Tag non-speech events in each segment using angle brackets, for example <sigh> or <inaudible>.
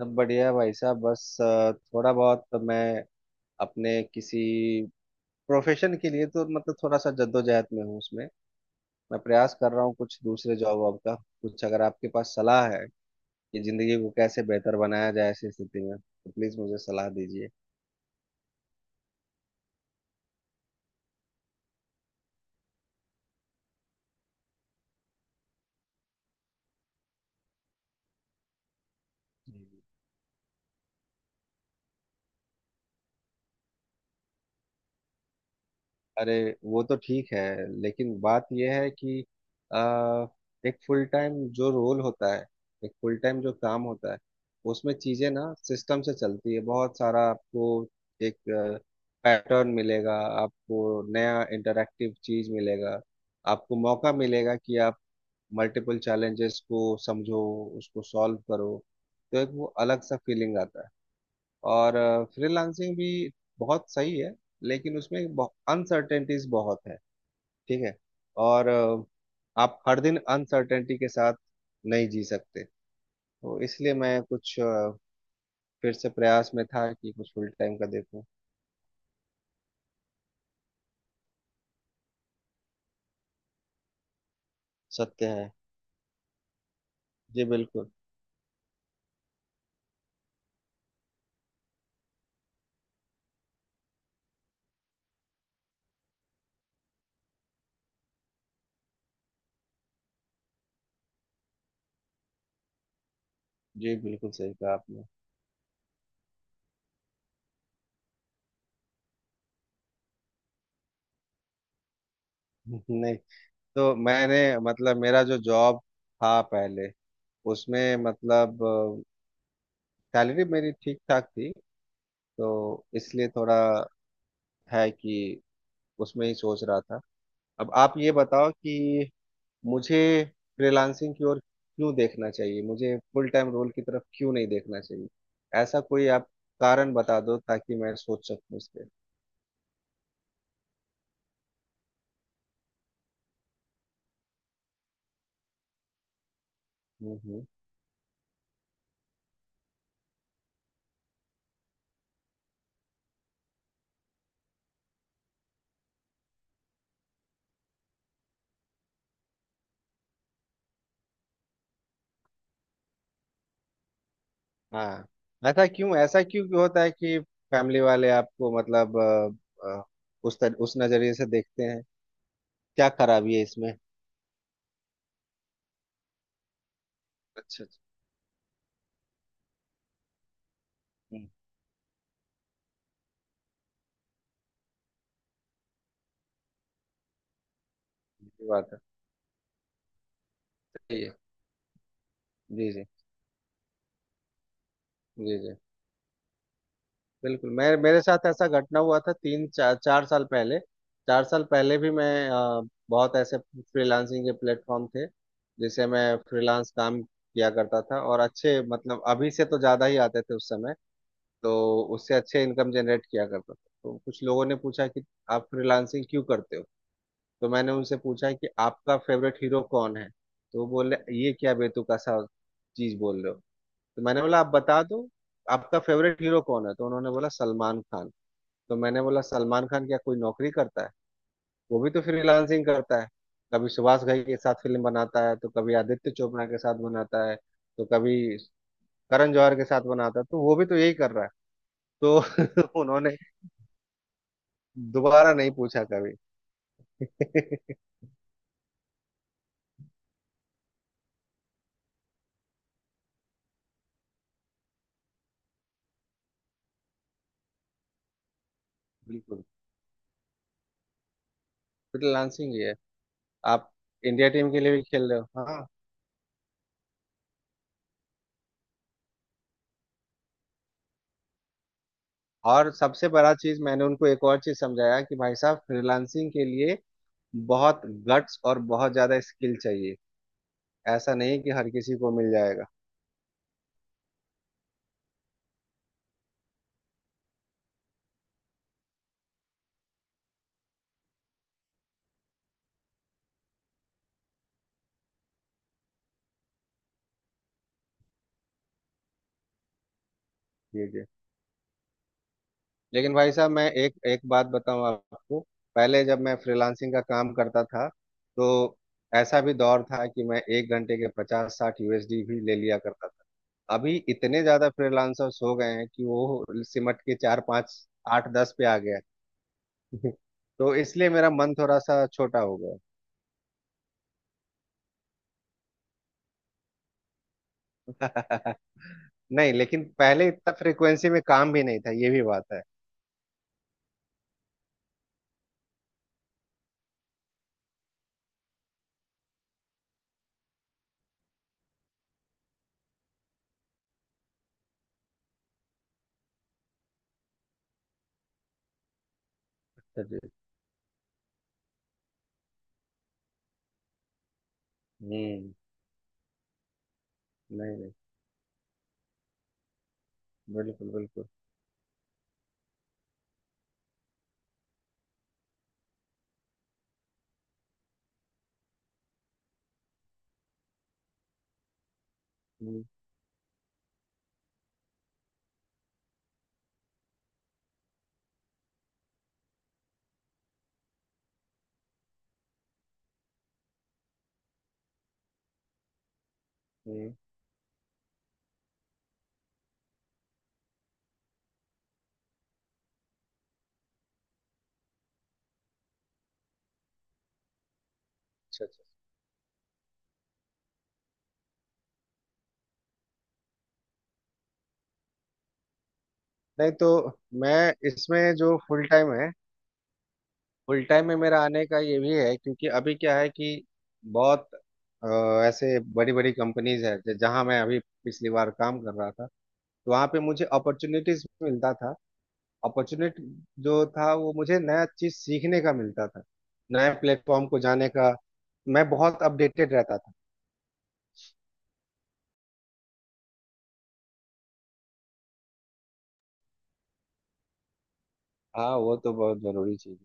सब बढ़िया है भाई साहब। बस थोड़ा बहुत मैं अपने किसी प्रोफेशन के लिए तो मतलब थोड़ा सा जद्दोजहद में हूँ उसमें। मैं प्रयास कर रहा हूँ कुछ दूसरे जॉब वॉब का। कुछ अगर आपके पास सलाह है कि जिंदगी को कैसे बेहतर बनाया जाए ऐसी स्थिति में तो प्लीज मुझे सलाह दीजिए। अरे वो तो ठीक है, लेकिन बात यह है कि आ, एक फुल टाइम जो रोल होता है, एक फुल टाइम जो काम होता है, उसमें चीजें ना सिस्टम से चलती है। बहुत सारा आपको एक पैटर्न मिलेगा। आपको नया इंटरैक्टिव चीज मिलेगा। आपको मौका मिलेगा कि आप मल्टीपल चैलेंजेस को समझो, उसको सॉल्व करो। तो एक वो अलग सा फीलिंग आता है। और फ्रीलांसिंग भी बहुत सही है, लेकिन उसमें अनसर्टेनिटीज बहुत है। ठीक है। और आप हर दिन अनसर्टेनिटी के साथ नहीं जी सकते। तो इसलिए मैं कुछ फिर से प्रयास में था कि कुछ फुल टाइम का देखूं। सत्य है। जी बिल्कुल। जी बिल्कुल सही कहा आपने। <laughs> नहीं। तो मैंने, मतलब मेरा जो जॉब था पहले, उसमें मतलब सैलरी मेरी ठीक ठाक थी। तो इसलिए थोड़ा है कि उसमें ही सोच रहा था। अब आप ये बताओ कि मुझे फ्रीलांसिंग की ओर क्यों देखना चाहिए, मुझे फुल टाइम रोल की तरफ क्यों नहीं देखना चाहिए। ऐसा कोई आप कारण बता दो ताकि मैं सोच सकूं इस पे। हम्म हम्म, हाँ। ऐसा क्यों, ऐसा क्यों क्यों होता है कि फैमिली वाले आपको मतलब अ, अ, उस नजरिए से देखते हैं। क्या खराबी है इसमें। अच्छा अच्छा। हम्म, ये बात है। सही है। जी जी। जी जी, बिल्कुल। मैं, मेरे साथ ऐसा घटना हुआ था 3-4 साल पहले। 4 साल पहले भी मैं बहुत ऐसे फ्रीलांसिंग के प्लेटफॉर्म थे जिसे मैं फ्रीलांस काम किया करता था। और अच्छे, मतलब अभी से तो ज़्यादा ही आते थे उस समय। तो उससे अच्छे इनकम जनरेट किया करता था। तो कुछ लोगों ने पूछा कि आप फ्रीलांसिंग क्यों करते हो। तो मैंने उनसे पूछा कि आपका फेवरेट हीरो कौन है। तो वो बोले ये क्या बेतुका सा चीज़ बोल रहे हो। तो मैंने बोला आप बता दो आपका फेवरेट हीरो कौन है। तो उन्होंने बोला सलमान खान। तो मैंने बोला सलमान खान क्या कोई नौकरी करता है। वो भी तो फ्रीलांसिंग करता है। कभी सुभाष घई के साथ फिल्म बनाता है, तो कभी आदित्य चोपड़ा के साथ बनाता है, तो कभी करण जौहर के साथ बनाता है। तो वो भी तो यही कर रहा है। तो <laughs> उन्होंने दोबारा नहीं पूछा कभी। <laughs> बिल्कुल। फ्रीलांसिंग ही है। आप इंडिया टीम के लिए भी खेल रहे हो, हाँ। और सबसे बड़ा चीज मैंने उनको एक और चीज समझाया कि भाई साहब, फ्रीलांसिंग के लिए बहुत गट्स और बहुत ज्यादा स्किल चाहिए। ऐसा नहीं कि हर किसी को मिल जाएगा। जी जी। लेकिन भाई साहब, मैं एक एक बात बताऊं आपको। पहले जब मैं फ्रीलांसिंग का काम करता था, तो ऐसा भी दौर था कि मैं एक घंटे के 50-60 USD भी ले लिया करता था। अभी इतने ज्यादा फ्रीलांसर्स हो गए हैं कि वो सिमट के 4-5, 8-10 पे आ गया है। <laughs> तो इसलिए मेरा मन थोड़ा सा छोटा हो गया। <laughs> नहीं, लेकिन पहले इतना फ्रिक्वेंसी में काम भी नहीं था, ये भी बात है। हम्म। नहीं नहीं। बिल्कुल बिल्कुल। हम्म हम्म। अच्छा अच्छा। नहीं, तो मैं इसमें जो फुल टाइम है, फुल टाइम में मेरा आने का ये भी है, क्योंकि अभी क्या है कि बहुत अ, ऐसे बड़ी बड़ी कंपनीज है जहाँ मैं अभी पिछली बार काम कर रहा था। तो वहाँ पे मुझे अपॉर्चुनिटीज मिलता था। अपॉर्चुनिटी जो था, वो मुझे नया चीज सीखने का मिलता था। नए प्लेटफॉर्म को जाने का। मैं बहुत अपडेटेड रहता था। हाँ, वो तो बहुत जरूरी चीज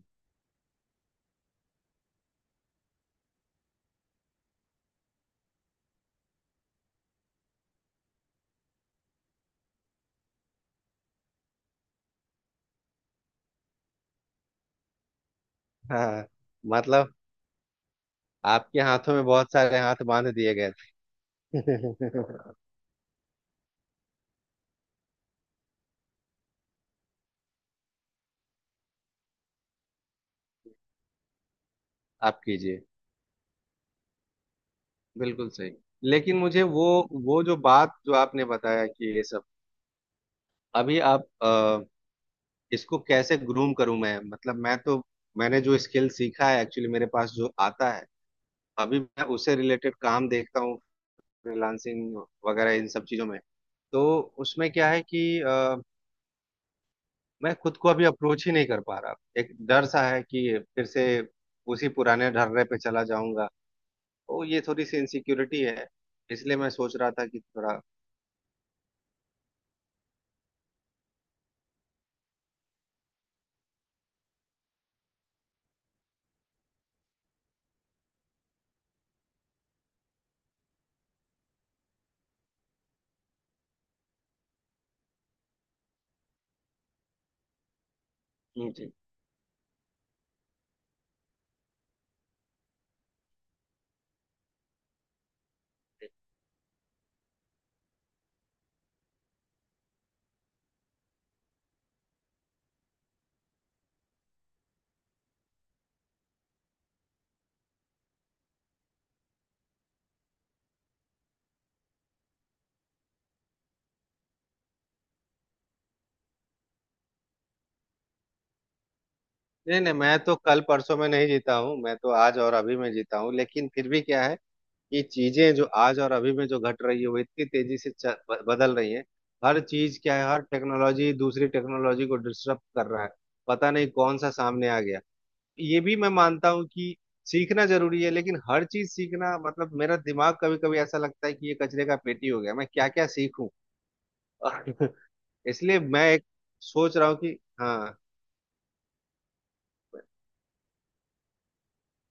है। हाँ, मतलब आपके हाथों में बहुत सारे हाथ बांध दिए गए थे। <laughs> आप कीजिए। बिल्कुल सही। लेकिन मुझे वो जो बात जो आपने बताया कि ये सब अभी आप इसको कैसे ग्रूम करूं मैं। मतलब मैं तो, मैंने जो स्किल सीखा है एक्चुअली मेरे पास जो आता है, अभी मैं उससे रिलेटेड काम देखता हूँ, फ्रीलांसिंग वगैरह इन सब चीजों में। तो उसमें क्या है कि मैं खुद को अभी अप्रोच ही नहीं कर पा रहा। एक डर सा है कि फिर से उसी पुराने ढर्रे पे चला जाऊंगा। तो ये थोड़ी सी इनसिक्योरिटी है। इसलिए मैं सोच रहा था कि थोड़ा। जी। नहीं नहीं, मैं तो कल परसों में नहीं जीता हूँ, मैं तो आज और अभी में जीता हूँ। लेकिन फिर भी क्या है कि चीजें जो आज और अभी में जो घट रही है वो इतनी तेजी से बदल रही है। हर चीज क्या है, हर टेक्नोलॉजी दूसरी टेक्नोलॉजी को डिस्टर्ब कर रहा है। पता नहीं कौन सा सामने आ गया। ये भी मैं मानता हूँ कि सीखना जरूरी है, लेकिन हर चीज सीखना, मतलब मेरा दिमाग कभी कभी ऐसा लगता है कि ये कचरे का पेटी हो गया। मैं क्या क्या सीखूं। <laughs> और इसलिए मैं एक सोच रहा हूँ कि हाँ।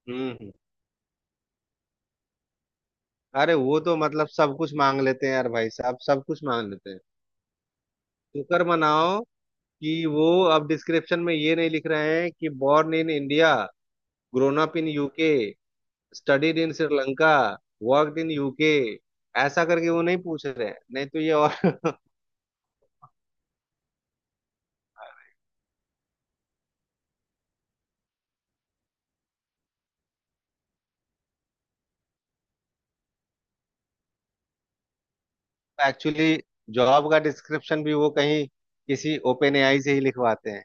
हम्म हम्म। अरे वो तो मतलब सब कुछ मांग लेते हैं यार, भाई साहब, सब कुछ मांग लेते हैं। शुक्र मनाओ कि वो अब डिस्क्रिप्शन में ये नहीं लिख रहे हैं कि born in India, grown up in UK, studied in Sri Lanka, worked in UK, ऐसा करके वो नहीं पूछ रहे हैं। नहीं तो ये और <laughs> एक्चुअली जॉब का डिस्क्रिप्शन भी वो कहीं किसी ओपन एआई से ही लिखवाते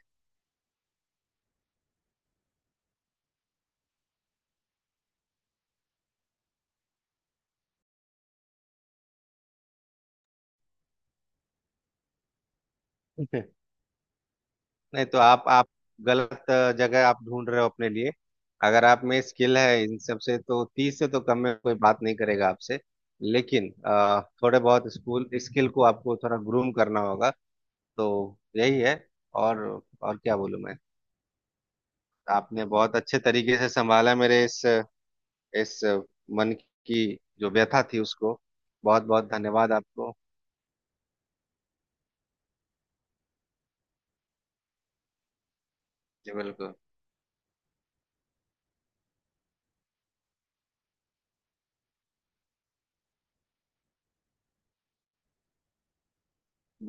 हैं। <laughs> नहीं, तो आप गलत जगह आप ढूंढ रहे हो अपने लिए। अगर आप में स्किल है इन सब से तो 30 से तो कम में कोई बात नहीं करेगा आपसे। लेकिन थोड़े बहुत स्कूल स्किल को आपको थोड़ा ग्रूम करना होगा। तो यही है। और और क्या बोलूं मैं। आपने बहुत अच्छे तरीके से संभाला मेरे इस मन की जो व्यथा थी उसको। बहुत बहुत धन्यवाद आपको। जी बिल्कुल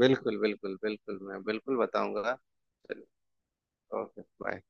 बिल्कुल। बिल्कुल बिल्कुल मैं बिल्कुल बताऊंगा। चलिए, ओके बाय।